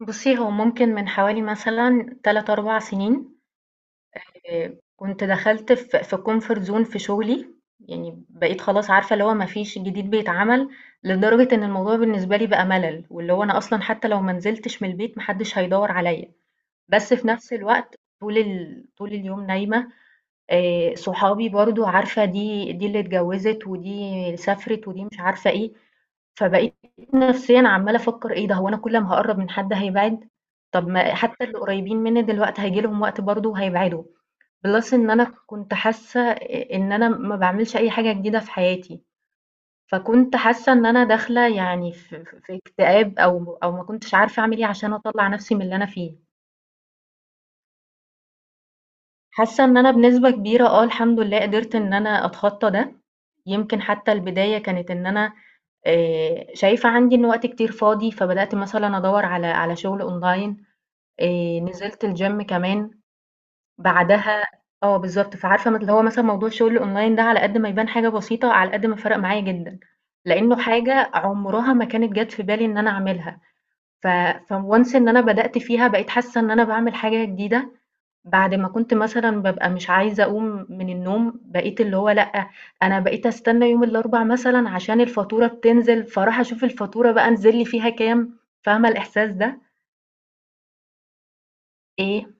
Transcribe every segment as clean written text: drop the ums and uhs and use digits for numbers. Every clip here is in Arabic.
بُصّي، هو ممكن من حوالي مثلًا 3، 4 سنين. كنت دخلت في comfort zone في شغلي، يعني بقيت خلاص عارفة اللي هو ما فيش جديد بيتعمل، لدرجة إن الموضوع بالنسبة لي بقى ملل، واللي هو أنا أصلًا حتى لو ما نزلتش من البيت ما حدش هيدوّر عليَّ، بس في نفس الوقت طول اليوم نايمة. صحابي برضه عارفة دي اللي اتجوّزت ودي سافرت ودي مش عارفة إيه، فبقيت نفسيًا عمّالة أفكّر إيه ده، هو أنا كل ما هاقرّب من حد هيبعد؟ طب ما حتّى اللي قريّبين منّي دلوقتي هييجي لهم وقت برضه وهيبعدوا، plus إن أنا كنت حاسّة إن أنا ما باعملش أي حاجة جديدة في حياتي، فكنت حاسّة إن أنا داخلة يعني في اكتئاب أو ما كنتش عارفة أعمل إيه عشان أطلّع نفسي من اللي أنا فيه. حاسة إن أنا بنسبة كبيرة الحمد لله قدرت إن أنا أتخطى ده، يمكن حتى البداية كانت إن أنا شايفة عندي إن وقت كتير فاضي، فبدأت مثلًا أدوّر على شغل online. نزلت الgym كمان، بعدها آه بالضبط، فعارفة اللي هو مثلًا موضوع الشغل الonline ده، على قد ما يبان حاجة بسيطة، على قد ما فرق معايا جدًا، لإنه حاجة عمرها ما كانت جات في بالي إن أنا أعملها، ف فonce إن أنا بدأت فيها بقيت حاسة إن أنا باعمل حاجة جديدة، بعد ما كنت مثلًا بابقى مش عايزة أقوم من النوم، بقيت اللي هو لأ، أنا بقيت أستنى يوم الأربع مثلًا عشان الفاتورة بتنزل، فاروح أشوف الفاتورة بقى نزل لي فيها كام، فاهمة الإحساس ده؟ إيه،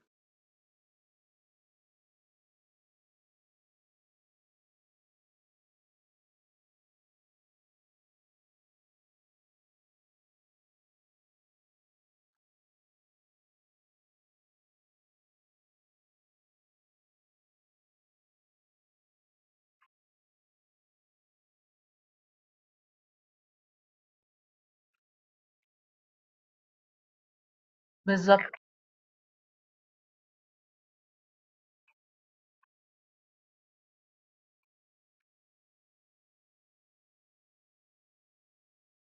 بالضبط.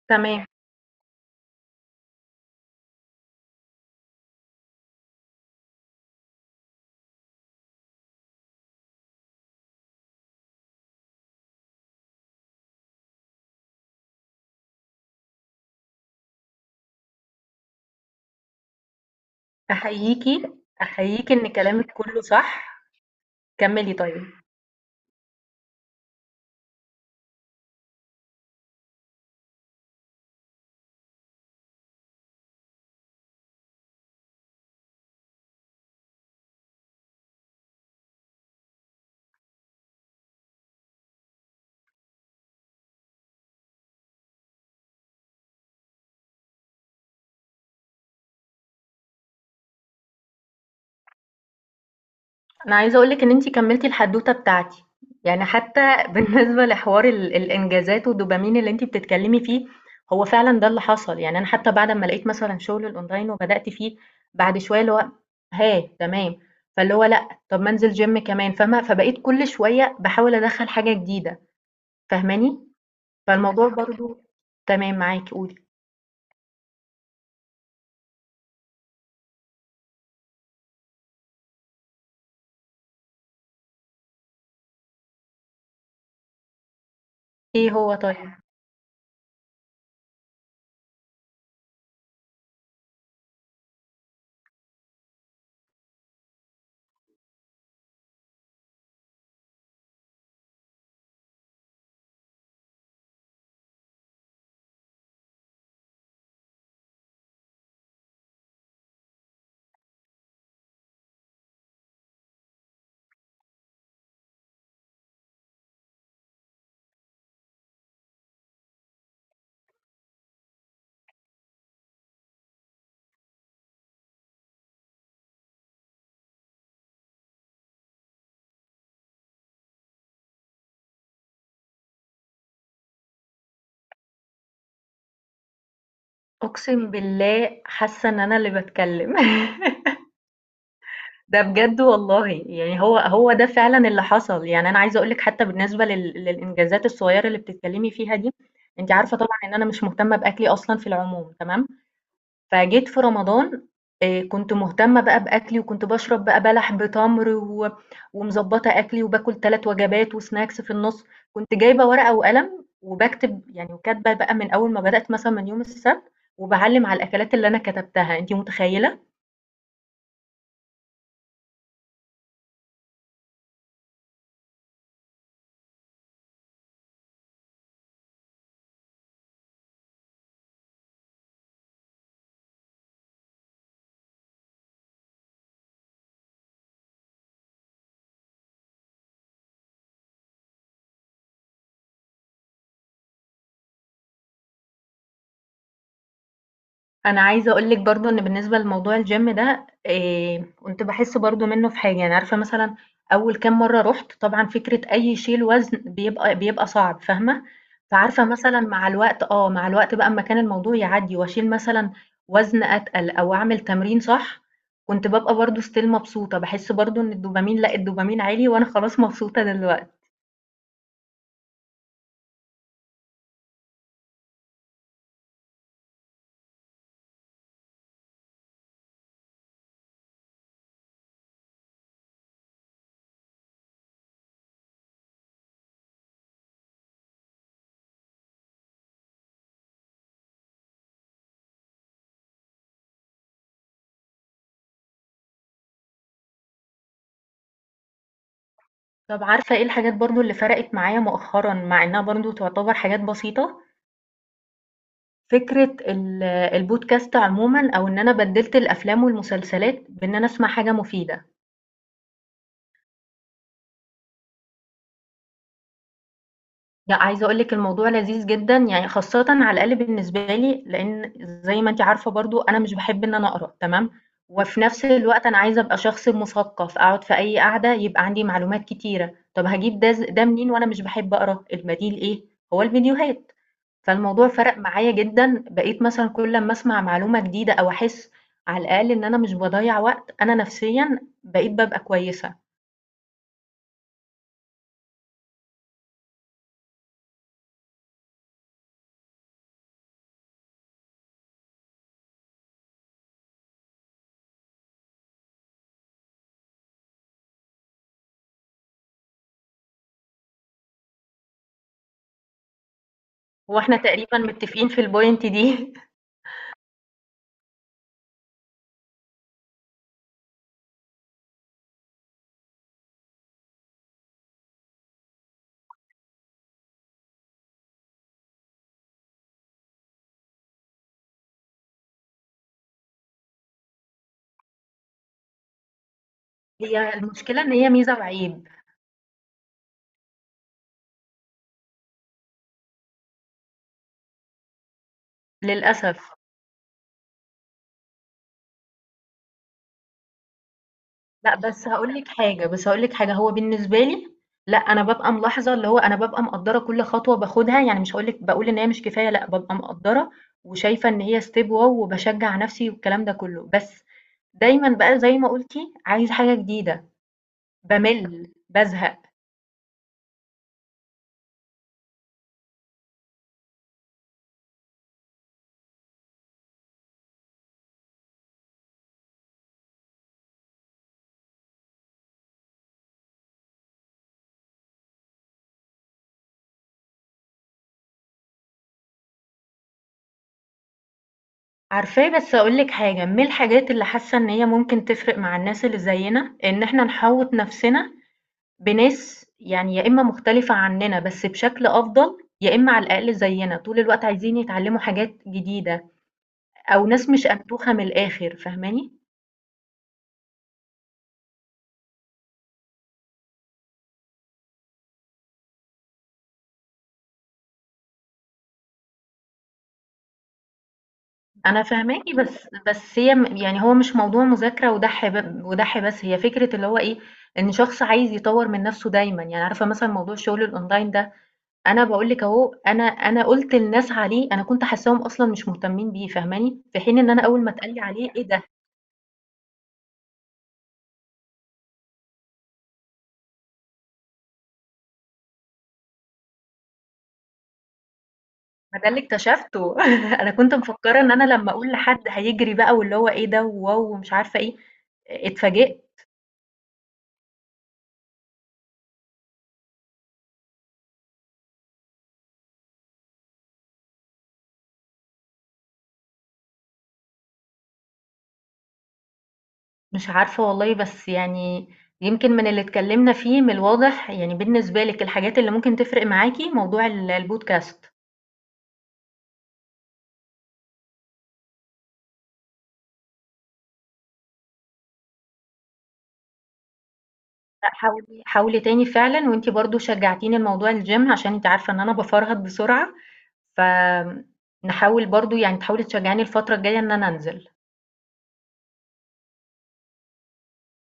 تمام. أحييكِ، أحييكِ إن كلامِك كله صح، كمّلي طيب. انا عايزه اقولك ان انتي كملتي الحدوته بتاعتي، يعني حتى بالنسبه لحوار الانجازات والدوبامين اللي انتي بتتكلمي فيه، هو فعلا ده اللي حصل، يعني انا حتى بعد ما لقيت مثلا شغل الاونلاين وبدات فيه، بعد شويه اللي هو، ها تمام، فاللي هو لا، طب ما انزل جيم كمان، فاهمه؟ فبقيت كل شويه بحاول ادخل حاجه جديده، فاهماني؟ فالموضوع برضو تمام معاكي، قولي. ايه هو طيب؟ اقسم بالله حاسه ان انا اللي بتكلم ده بجد والله، يعني هو هو ده فعلا اللي حصل، يعني انا عايزه اقول لك حتى بالنسبه للانجازات الصغيره اللي بتتكلمي فيها دي. انت عارفه طبعا ان انا مش مهتمه باكلي اصلا في العموم، تمام. فجيت في رمضان، كنت مهتمه بقى باكلي، وكنت بشرب بقى بلح، بتمر و... ومظبطه اكلي وباكل ثلاث وجبات وسناكس في النص، كنت جايبه ورقه وقلم وبكتب يعني، وكاتبه بقى من اول ما بدات مثلا من يوم السبت، وبعلم على الاكلات اللي انا كتبتها، انت متخيله؟ انا عايزه اقول لك برضو ان بالنسبه لموضوع الجيم ده، كنت بحس برضو منه في حاجه، يعني عارفه مثلا اول كام مره رحت، طبعا فكره اي شيل وزن بيبقى صعب، فاهمه؟ فعارفه مثلا مع الوقت بقى، اما كان الموضوع يعدي واشيل مثلا وزن اتقل او اعمل تمرين صح، كنت ببقى برضو ستيل مبسوطه، بحس برضو ان الدوبامين، لا الدوبامين عالي، وانا خلاص مبسوطه دلوقتي. طب عارفه ايه الحاجات برضو اللي فرقت معايا مؤخرا، مع انها برضو تعتبر حاجات بسيطه؟ فكرة البودكاست عمومًا، أو إن أنا بدِّلت الأفلام والمسلسلات بإن أنا أسمع حاجة مفيدة. لأ، عايزة أقول لِك الموضوع لذيذ جدًا، يعني خاصةً على الأقل بالنسبة لي، لإن زي ما أنتِ عارفة برضه أنا مش باحب إن أنا أقرا، تمام، وفي نفس الوقت أنا عايزة أبقى شخص مثقف، أقعد في أي قعدة يبقى عندي معلومات كتيرة. طب هاجيب ده ده منين وأنا مش باحب أقرا؟ البديل إيه؟ هو الفيديوهات. فالموضوع فرق معايا جدًا، بقيت مثلًا كل أمّا أسمع معلومة جديدة أو أحس على الأقل إن أنا مش باضيّع وقت، أنا نفسيًا بقيت بابقى كويسة. هو إحنا تقريبًا متفقين في الpoint دي. هي المشكلة إن هي ميزة وعيب للأسف. لأ، بس هاقول لِك حاجة، هو بالنسبة لي لأ، أنا بابقى ملاحظة اللي هو أنا بابقى مقدّرة كل خطوة باخدها، يعني مش هاقول لِك باقول إن هي مش كفاية لأ، بابقى مقدّرة وشايفة إن هي step wow، وباشجّع نَفْسي والكلام ده كُلّه، بس دايمًا بقى زي ما قُلتِ عايزة حاجة جديدة، بامِل، بازهق. عارفاه، بس هاقول لِك حاجة، من الحاجات اللي حاسة إن هي ممكن تفرق مع الناس اللي زيّنا، إن إحنا نحوّط نَفْسنا بناس يعني يا إما مختلفة عننا بس بشكل أفضل، يا إما على الأقل زينا، طول الوقت عايزين يتعلموا حاجات جديدة، أو ناس مش أنتوخة من الآخر، فاهماني؟ أنا فاهماكِ، بس هي يعني هو مش موضوع مذاكرة ودَح ودَح بس، هي فكرة اللي هو إيه، إن شخص عايز يطوّر من نَفْسه دايمًا، يعني عارفة مثلًا موضوع الشغل الأونلاين ده، أنا باقول لِك أهو، أنا قُلت لناس عليه، أنا كنت حاساهم أصلًا مش مهتمين بيه، فاهماني؟ في حين إن أنا أول ما اتقال لي عليه إيه ده! ما ده اللي اكتشفته أنا كنت مفكرة إن أنا لمّا أقول لحد هيجري بقى، واللي هو إيه ده وواو ومش عارفة إيه، اتفاجئت. مش عارفة والله، بس يعني يمكن من اللي اتكلمنا فيه من الواضح يعني بالنسبة لِك الحاجات اللي ممكن تفرق معاكِ موضوع البودكاست، لأ حاولي حاولي تاني فعلًا، وأنتِ برضه شجعتيني لموضوع الgym عشان أنتِ عارفة إن أنا بافرهد بسرعة، فآمم، نحاول برضه يعني تحاولي تشجعيني الفترة الجاية إن أنا أنزل.